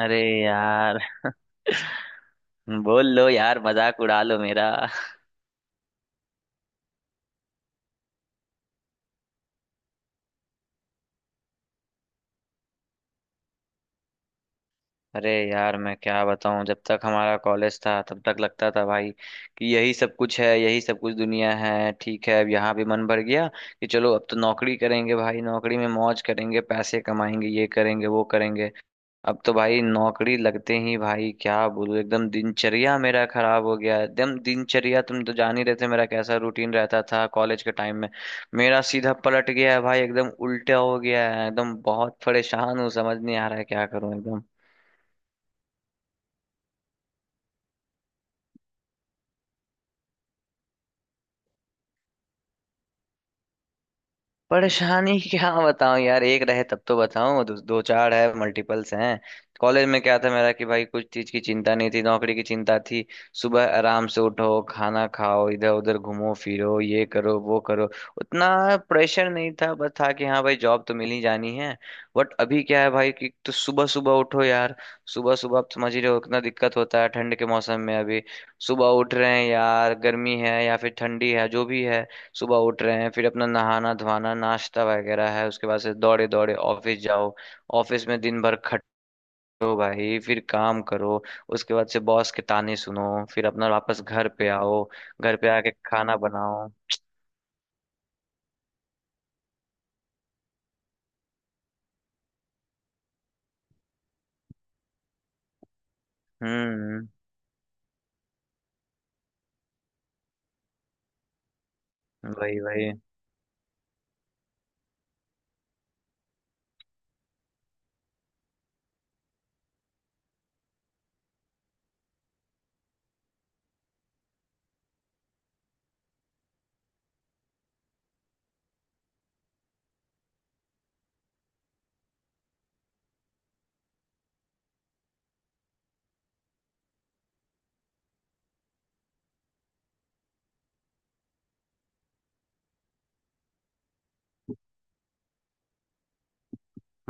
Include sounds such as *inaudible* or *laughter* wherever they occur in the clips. अरे यार। बोल लो यार, मजाक उड़ा लो मेरा। अरे यार मैं क्या बताऊं, जब तक हमारा कॉलेज था तब तक लगता था भाई कि यही सब कुछ है, यही सब कुछ दुनिया है। ठीक है, अब यहाँ भी मन भर गया कि चलो अब तो नौकरी करेंगे, भाई नौकरी में मौज करेंगे, पैसे कमाएंगे, ये करेंगे वो करेंगे। अब तो भाई नौकरी लगते ही भाई क्या बोलूं, एकदम दिनचर्या मेरा खराब हो गया है। एकदम दिनचर्या, तुम तो जान ही रहे थे मेरा कैसा रूटीन रहता था कॉलेज के टाइम में। मेरा सीधा पलट गया है भाई, एकदम उल्टा हो गया है एकदम। बहुत परेशान हूँ, समझ नहीं आ रहा है क्या करूँ एकदम। परेशानी *laughs* क्या बताऊं यार, एक रहे तब तो बताऊं, दो चार है, मल्टीपल्स हैं। कॉलेज में क्या था मेरा कि भाई कुछ चीज की चिंता नहीं थी, नौकरी की चिंता थी। सुबह आराम से उठो, खाना खाओ, इधर उधर घूमो फिरो, ये करो वो करो। उतना प्रेशर नहीं था, बस था कि हाँ भाई जॉब तो मिल ही जानी है। बट अभी क्या है भाई कि तो सुबह सुबह उठो यार। सुबह सुबह आप समझ ही रहे हो कितना दिक्कत होता है ठंड के मौसम में। अभी सुबह उठ रहे हैं यार, गर्मी है या फिर ठंडी है जो भी है। सुबह उठ रहे हैं, फिर अपना नहाना धोना नाश्ता वगैरह है, उसके बाद से दौड़े दौड़े ऑफिस जाओ। ऑफिस में दिन भर खटो भाई, फिर काम करो, उसके बाद से बॉस के ताने सुनो, फिर अपना वापस घर पे आओ। घर पे आके खाना बनाओ। हम्म। वही वही।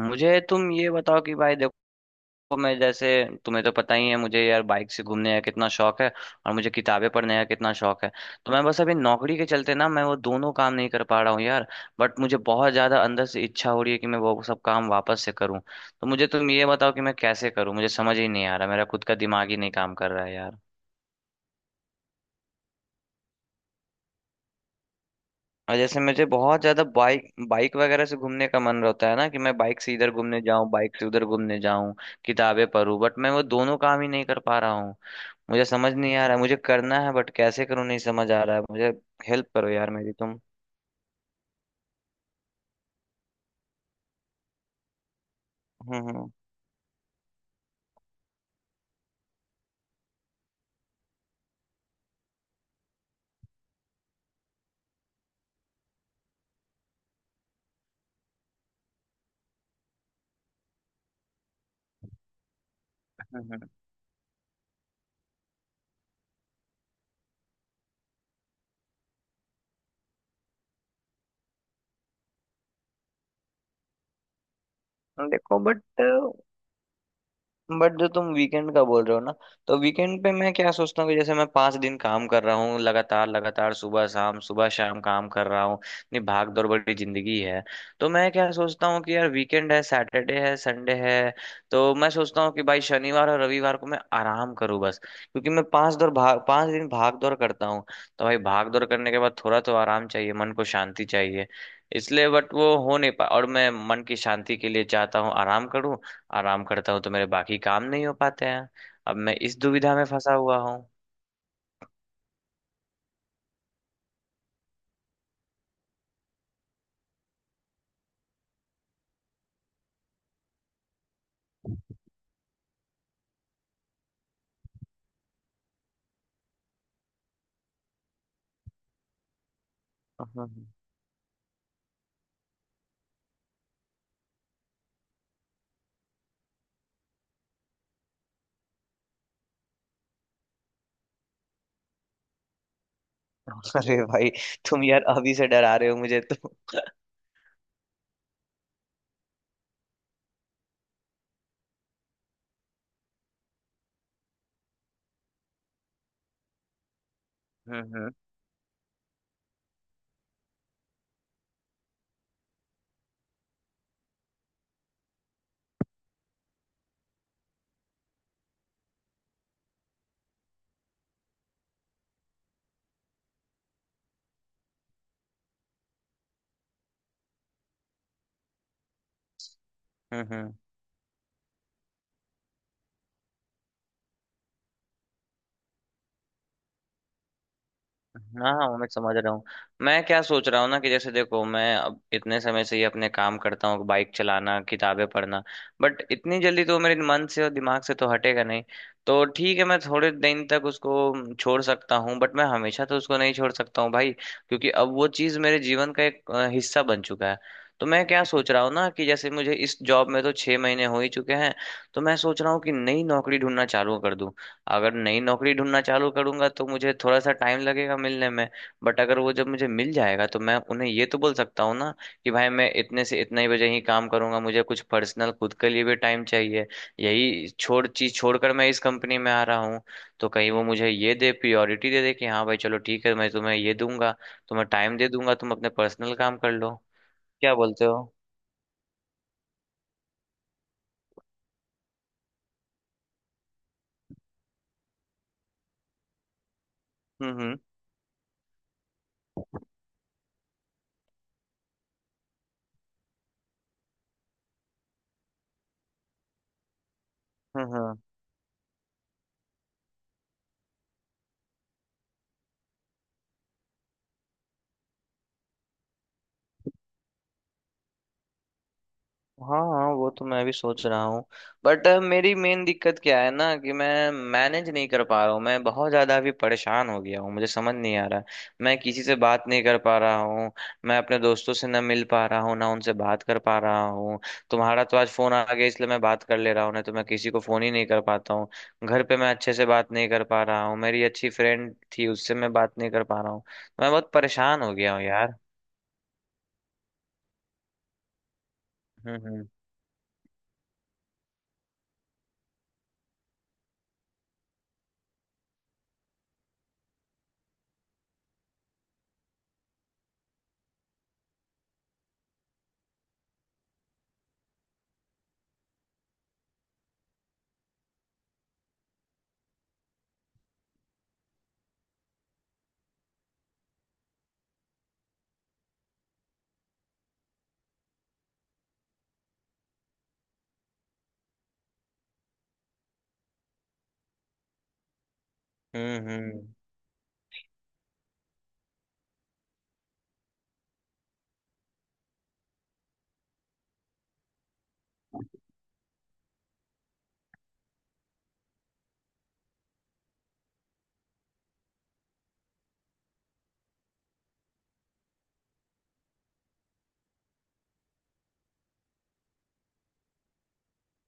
मुझे तुम ये बताओ कि भाई देखो, तो मैं जैसे, तुम्हें तो पता ही है मुझे यार बाइक से घूमने का कितना शौक है और मुझे किताबें पढ़ने का कितना शौक है। तो मैं बस अभी नौकरी के चलते ना, मैं वो दोनों काम नहीं कर पा रहा हूँ यार। बट मुझे बहुत ज्यादा अंदर से इच्छा हो रही है कि मैं वो सब काम वापस से करूँ। तो मुझे तुम ये बताओ कि मैं कैसे करूँ, मुझे समझ ही नहीं आ रहा, मेरा खुद का दिमाग ही नहीं काम कर रहा है यार। और जैसे मुझे बहुत ज्यादा बाइक बाइक वगैरह से घूमने का मन रहता है ना, कि मैं बाइक से इधर घूमने जाऊं, बाइक से उधर घूमने जाऊं, किताबें पढूं। बट मैं वो दोनों काम ही नहीं कर पा रहा हूँ। मुझे समझ नहीं आ रहा है, मुझे करना है बट कैसे करूँ नहीं समझ आ रहा है मुझे। हेल्प करो यार मेरी तुम। हम्म। हम्म, हम्म। देखो बट जो तुम वीकेंड का बोल रहे हो ना, तो वीकेंड पे मैं क्या सोचता हूँ कि जैसे मैं 5 दिन काम कर रहा हूँ लगातार लगातार, सुबह शाम काम कर रहा हूँ। इतनी भाग दौड़ भरी जिंदगी है। तो मैं क्या सोचता हूँ कि यार वीकेंड है, सैटरडे है संडे है, तो मैं सोचता हूँ कि भाई शनिवार और रविवार को मैं आराम करूँ बस, क्योंकि मैं 5 दिन भाग दौड़ करता हूँ। तो भाई भाग दौड़ करने के बाद थोड़ा तो आराम चाहिए, मन को शांति चाहिए। इसलिए बट वो हो नहीं पा, और मैं मन की शांति के लिए चाहता हूँ आराम करूँ। आराम करता हूँ तो मेरे बाकी काम नहीं हो पाते हैं। अब मैं इस दुविधा में फंसा हुआ हूँ *laughs* हम्म, हम्म। अरे भाई, तुम यार अभी से डरा रहे हो मुझे तो। हम्म। हम्म हम्म। हाँ हाँ, वो मैं समझ रहा हूँ। मैं क्या सोच रहा हूँ ना कि जैसे देखो, मैं अब इतने समय से ये अपने काम करता हूँ, बाइक चलाना किताबें पढ़ना। बट इतनी जल्दी तो मेरे मन से और दिमाग से तो हटेगा नहीं। तो ठीक है, मैं थोड़े दिन तक उसको छोड़ सकता हूँ, बट मैं हमेशा तो उसको नहीं छोड़ सकता हूँ भाई, क्योंकि अब वो चीज़ मेरे जीवन का एक हिस्सा बन चुका है। तो मैं क्या सोच रहा हूँ ना कि जैसे मुझे इस जॉब में तो 6 महीने हो ही चुके हैं। तो मैं सोच रहा हूँ कि नई नौकरी ढूंढना चालू कर दूँ। अगर नई नौकरी ढूंढना चालू करूंगा तो मुझे थोड़ा सा टाइम लगेगा मिलने में। बट अगर वो जब मुझे मिल जाएगा तो मैं उन्हें ये तो बोल सकता हूँ ना कि भाई मैं इतने से इतने ही बजे ही काम करूंगा, मुझे कुछ पर्सनल खुद के लिए भी टाइम चाहिए, यही छोड़ चीज छोड़कर मैं इस कंपनी में आ रहा हूँ। तो कहीं वो मुझे ये दे प्रियोरिटी दे दे कि हाँ भाई चलो ठीक है, मैं तुम्हें ये दूंगा, तुम्हें टाइम दे दूंगा, तुम अपने पर्सनल काम कर लो। क्या बोलते हो? हम्म। हम्म। हाँ हाँ, वो तो मैं भी सोच रहा हूँ। बट मेरी मेन दिक्कत क्या है ना कि मैं मैनेज नहीं कर पा रहा हूँ, मैं बहुत ज़्यादा अभी परेशान हो गया हूँ, मुझे समझ नहीं आ रहा। मैं किसी से बात नहीं कर पा रहा हूँ, मैं अपने दोस्तों से ना मिल पा रहा हूँ ना उनसे बात कर पा रहा हूँ। तुम्हारा तो आज फ़ोन आ गया इसलिए मैं बात कर ले रहा हूँ, नहीं तो मैं किसी को फ़ोन ही नहीं कर पाता हूँ। घर पे मैं अच्छे से बात नहीं कर पा रहा हूँ, मेरी अच्छी फ्रेंड थी उससे मैं बात नहीं कर पा रहा हूँ। मैं बहुत परेशान हो गया हूँ यार। हम्म। हम्म।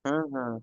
हम्म।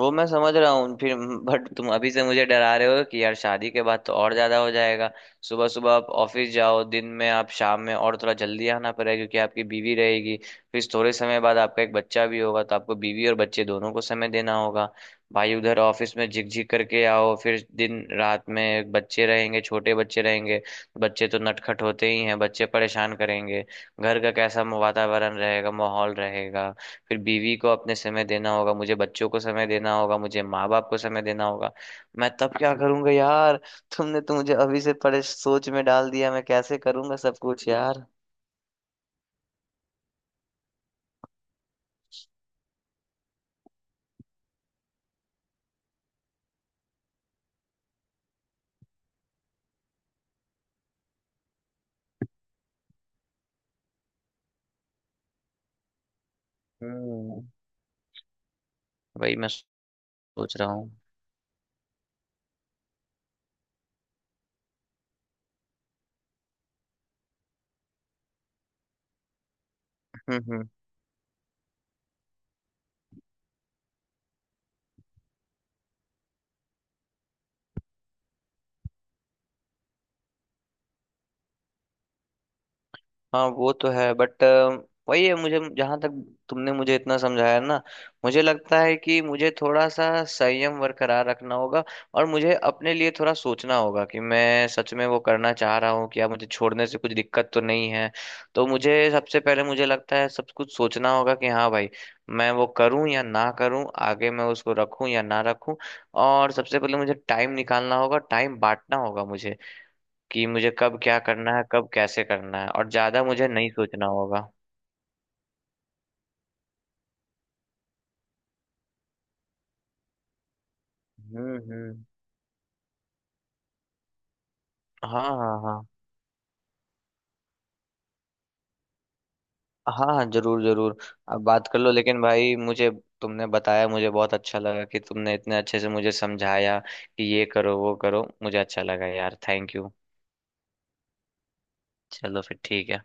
वो मैं समझ रहा हूँ फिर। बट तुम अभी से मुझे डरा रहे हो कि यार शादी के बाद तो और ज्यादा हो जाएगा, सुबह सुबह आप ऑफिस जाओ, दिन में आप शाम में और थोड़ा जल्दी आना पड़ेगा क्योंकि आपकी बीवी रहेगी। फिर थोड़े समय बाद आपका एक बच्चा भी होगा, तो आपको बीवी और बच्चे दोनों को समय देना होगा। भाई उधर ऑफिस में झिकझिक करके आओ, फिर दिन रात में बच्चे रहेंगे, छोटे बच्चे रहेंगे। बच्चे तो नटखट होते ही हैं, बच्चे परेशान करेंगे। घर का कैसा वातावरण रहेगा, माहौल रहेगा। फिर बीवी को अपने समय देना होगा, मुझे बच्चों को समय देना होगा, मुझे माँ बाप को समय देना होगा। मैं तब क्या करूंगा यार? तुमने तो मुझे अभी से परे सोच में डाल दिया। मैं कैसे करूंगा सब कुछ यार? हम्म वही मैं सोच रहा हूँ *laughs* हाँ वो तो है। बट वही है मुझे, जहां तक तुमने मुझे इतना समझाया ना, मुझे लगता है कि मुझे थोड़ा सा संयम बरकरार रखना होगा। और मुझे अपने लिए थोड़ा सोचना होगा कि मैं सच में वो करना चाह रहा हूँ क्या, मुझे छोड़ने से कुछ दिक्कत तो नहीं है। तो मुझे सबसे पहले, मुझे लगता है, सब कुछ सोचना होगा कि हाँ भाई मैं वो करूँ या ना करूँ, आगे मैं उसको रखूँ या ना रखूँ। और सबसे पहले मुझे टाइम निकालना होगा, टाइम बांटना होगा मुझे, कि मुझे कब क्या करना है, कब कैसे करना है, और ज्यादा मुझे नहीं सोचना होगा। हम्म। हाँ हाँ हाँ। हाँ हाँ, जरूर जरूर। अब बात कर लो लेकिन भाई मुझे, तुमने बताया, मुझे बहुत अच्छा लगा कि तुमने इतने अच्छे से मुझे समझाया कि ये करो वो करो, मुझे अच्छा लगा यार। Thank you. चलो फिर ठीक है।